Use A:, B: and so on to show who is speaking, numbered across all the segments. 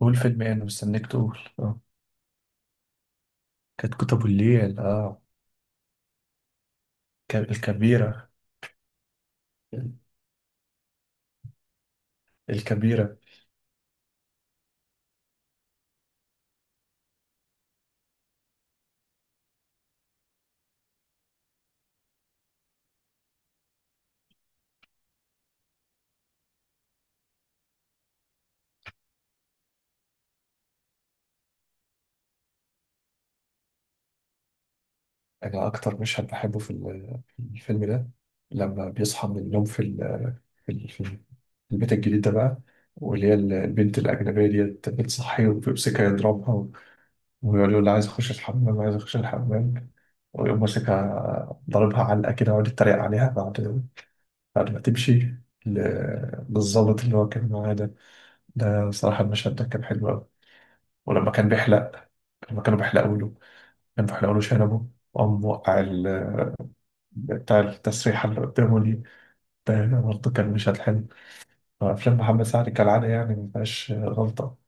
A: قول فيلم ايه؟ انا مستنيك تقول. اه كانت كتب الليل. اه الكبيرة. الكبيرة. انا اكتر مشهد بحبه في الفيلم ده، لما بيصحى من النوم في البيت الجديد ده بقى. واللي هي البنت الأجنبية ديت بتصحيه، وبيمسكها يضربها، ويقول له لا، عايز أخش الحمام، عايز أخش الحمام. ويقوم ماسكها ضاربها علقة كده، ويقعد يتريق عليها بعد ما تمشي، للظابط اللي هو كان معاه ده. ده صراحة المشهد ده كان حلو أوي. ولما كان بيحلق، لما كانوا بيحلقوا له كانوا بيحلقوا له شنبه، وقام وقع بتاع التسريحة اللي قدامه دي. ده برضه كان مشهد حلو. أفلام محمد سعد كالعادة يعني ما فيهاش غلطة.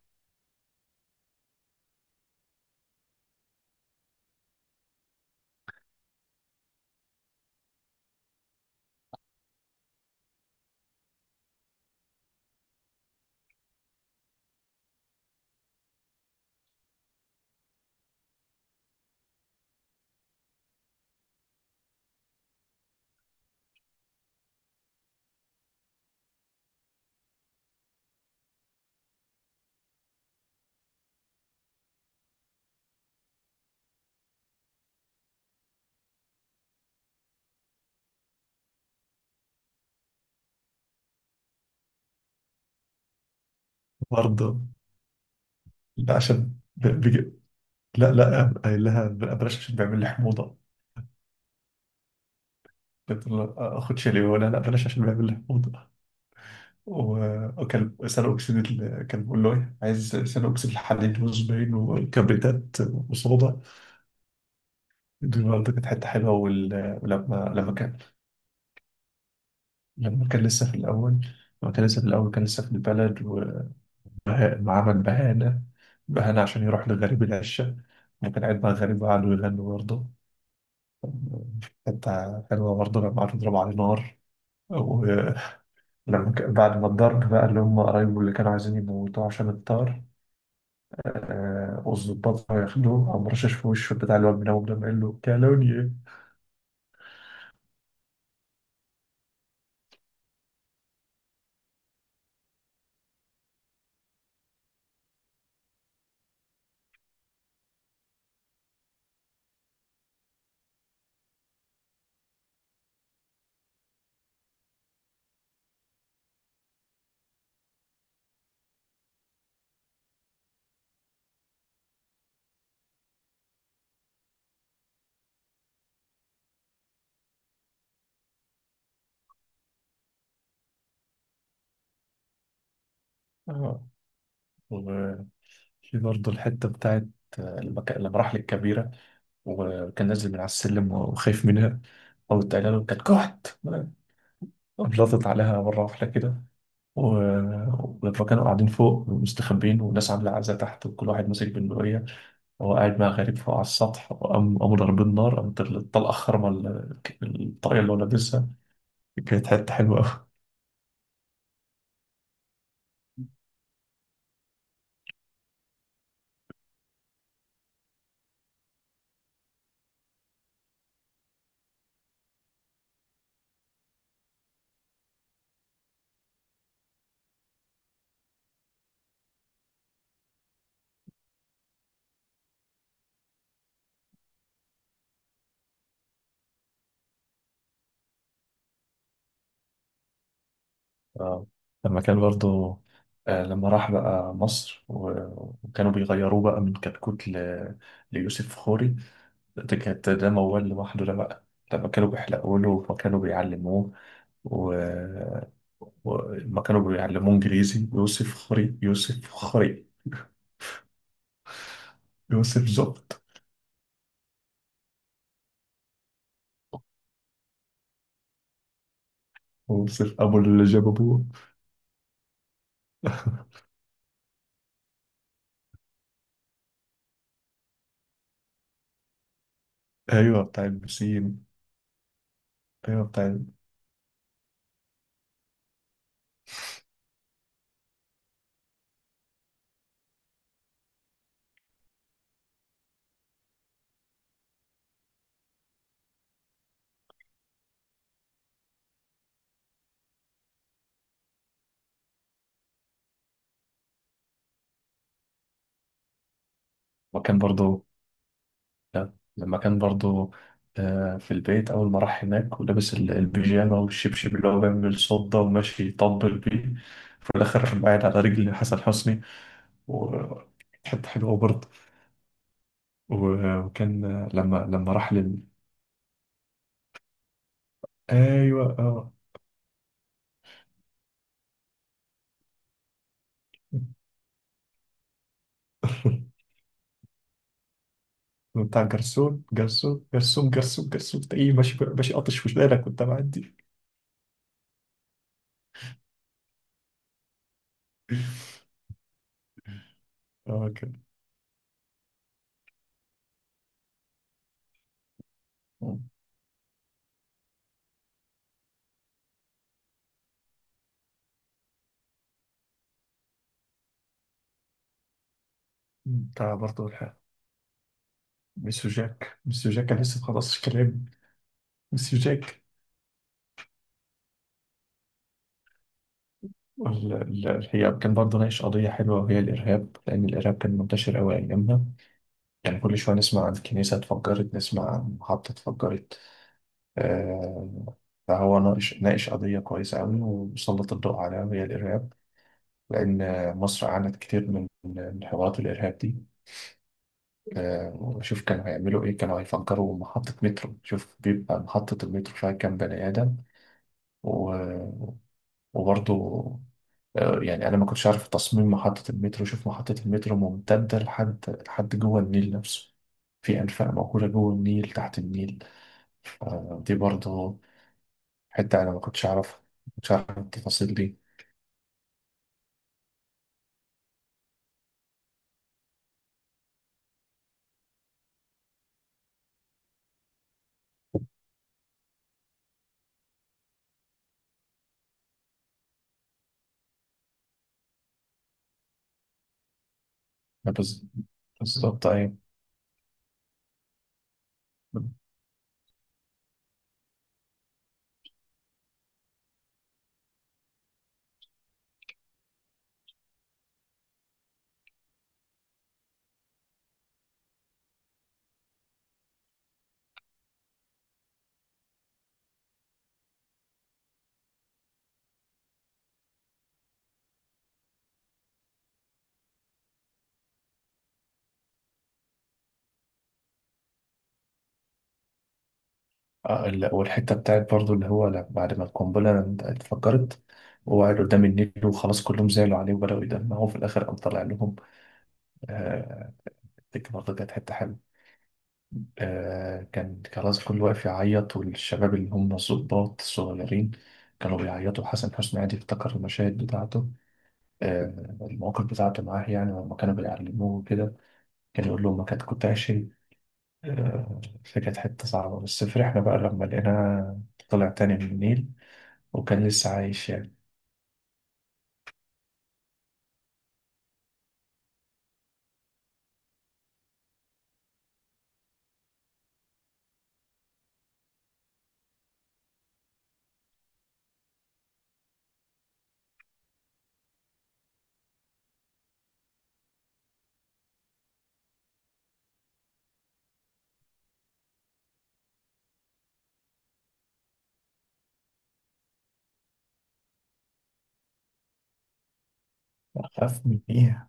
A: برضه، لا عشان بيجي. لا لا، قايل لها بلاش عشان بيعمل لي حموضة. قلت له خد شاليه، ولا لا بلاش عشان بيعمل لي حموضة. وكان كان بيقول له إيه عايز ثاني أكسيد الحديد وزباين وكبريتات وصودا. دي برضه كانت حتة حلوة. وال- ولما لما كان لما كان لسه في الأول لما كان لسه في الأول كان لسه في البلد. وعمل بهانة عشان يروح لغريب العشة. وكان قاعد مع غريب وقعدوا يغنوا. برضه حتة حلوة برضه لما قعدوا يضربوا عليه نار. ولما بعد ما الضرب بقى اللي هم قرايبه اللي كانوا عايزين يموتوه عشان الطار، والظباط راحوا ياخدوه، قام رشش في وشه بتاع الواد من أول، ده قال له كالوني إيه؟ آه. وفي برضه الحتة بتاعت، لما راح للكبيرة، وكان نازل من على السلم وخايف منها، قامت قايله له كانت كحت، قلطت عليها مرة واحدة كده. فكانوا قاعدين فوق مستخبين والناس عاملة عزا تحت وكل واحد ماسك بندقية، وهو قاعد مع غريب فوق على السطح، وقام قاموا ضاربين نار، قامت الطلقة خرمة الطاقية اللي هو لابسها. كانت حتة حلوة أوي. آه. لما كان برضه، لما راح بقى مصر، وكانوا بيغيروه بقى من كتكوت ل... ليوسف فخوري. ده كانت ده موال لوحده ده بقى. لما كانوا بيحلقوا له وكانوا بيعلموه و... وما كانوا بيعلموه انجليزي، يوسف خري يوسف خري يوسف زبط يوسف ابو اللي جاب ابوه. ايوه، بتاع البسين. ايوه بتاع وكان برضو، لا، لما كان برضو، في البيت اول ما راح هناك ولابس البيجامه والشبشب اللي هو بيعمل صوت ده وماشي يطبل بيه. في الاخر قاعد على رجل حسن حسني. وحتة حلوة برضه. وكان لما راح لل... أيوة آه. بتاع جرسون جرسون جرسون جرسون جرسون، تلاقيه ماشي ماشي قاطش وشنانك وأنت معدي. اه كده. بتاع برضه ميسيو جاك، ميسيو جاك كان لسه مخلصش كلام، ميسيو جاك. الحقيقة كان برضه ناقش قضية حلوة وهي الإرهاب، لأن الإرهاب كان منتشر أوي أيامها. يعني كل شوية نسمع عن كنيسة اتفجرت، نسمع عن محطة اتفجرت. آه، فهو ناقش قضية كويسة أوي وسلط الضوء عليها وهي الإرهاب، لأن مصر عانت كتير من حوارات الإرهاب دي. وشوف كانوا هيعملوا إيه، كانوا هيفجروا محطة مترو، شوف بيبقى محطة المترو فيها كام بني آدم. و- وبرضه، يعني أنا ما كنتش عارف تصميم محطة المترو، شوف محطة المترو ممتدة لحد جوه النيل نفسه. في أنفاق موجودة جوه النيل تحت النيل. دي برضه حتة أنا ما كنتش أعرفها، ما كنتش أعرف التفاصيل دي. بز- بالظبط، أيوة والحتة بتاعت برضو اللي هو بعد ما القنبلة اتفجرت، وقعد قدام النيل وخلاص كلهم زعلوا عليه وبدأوا يدمعوا، في الآخر قام طلع لهم. آه، دي برضه كانت حتة حلوة. كان خلاص كل واقف يعيط والشباب اللي هم الضباط الصغيرين كانوا بيعيطوا، حسن حسني قاعد يفتكر المشاهد بتاعته. المواقف بتاعته معاه، يعني لما كانوا بيعلموه كده، كان يقول لهم ما كنت عايش. فكانت حتة صعبة، بس فرحنا بقى لما لقيناه طلع تاني من النيل، وكان لسه عايش يعني. أخاف من إيه؟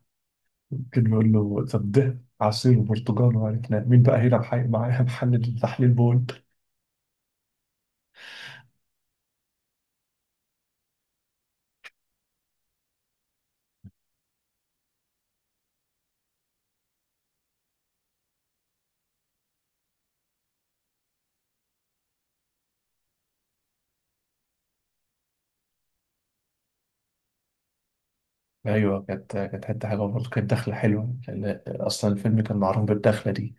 A: ممكن نقول له طب ده عصير وبرتقال، وعرفنا مين بقى هنا، معايا محل تحليل بول. أيوه كانت حتة حلوة برضه، كانت دخلة حلوة، لأن أصلا الفيلم كان معروف بالدخلة دي.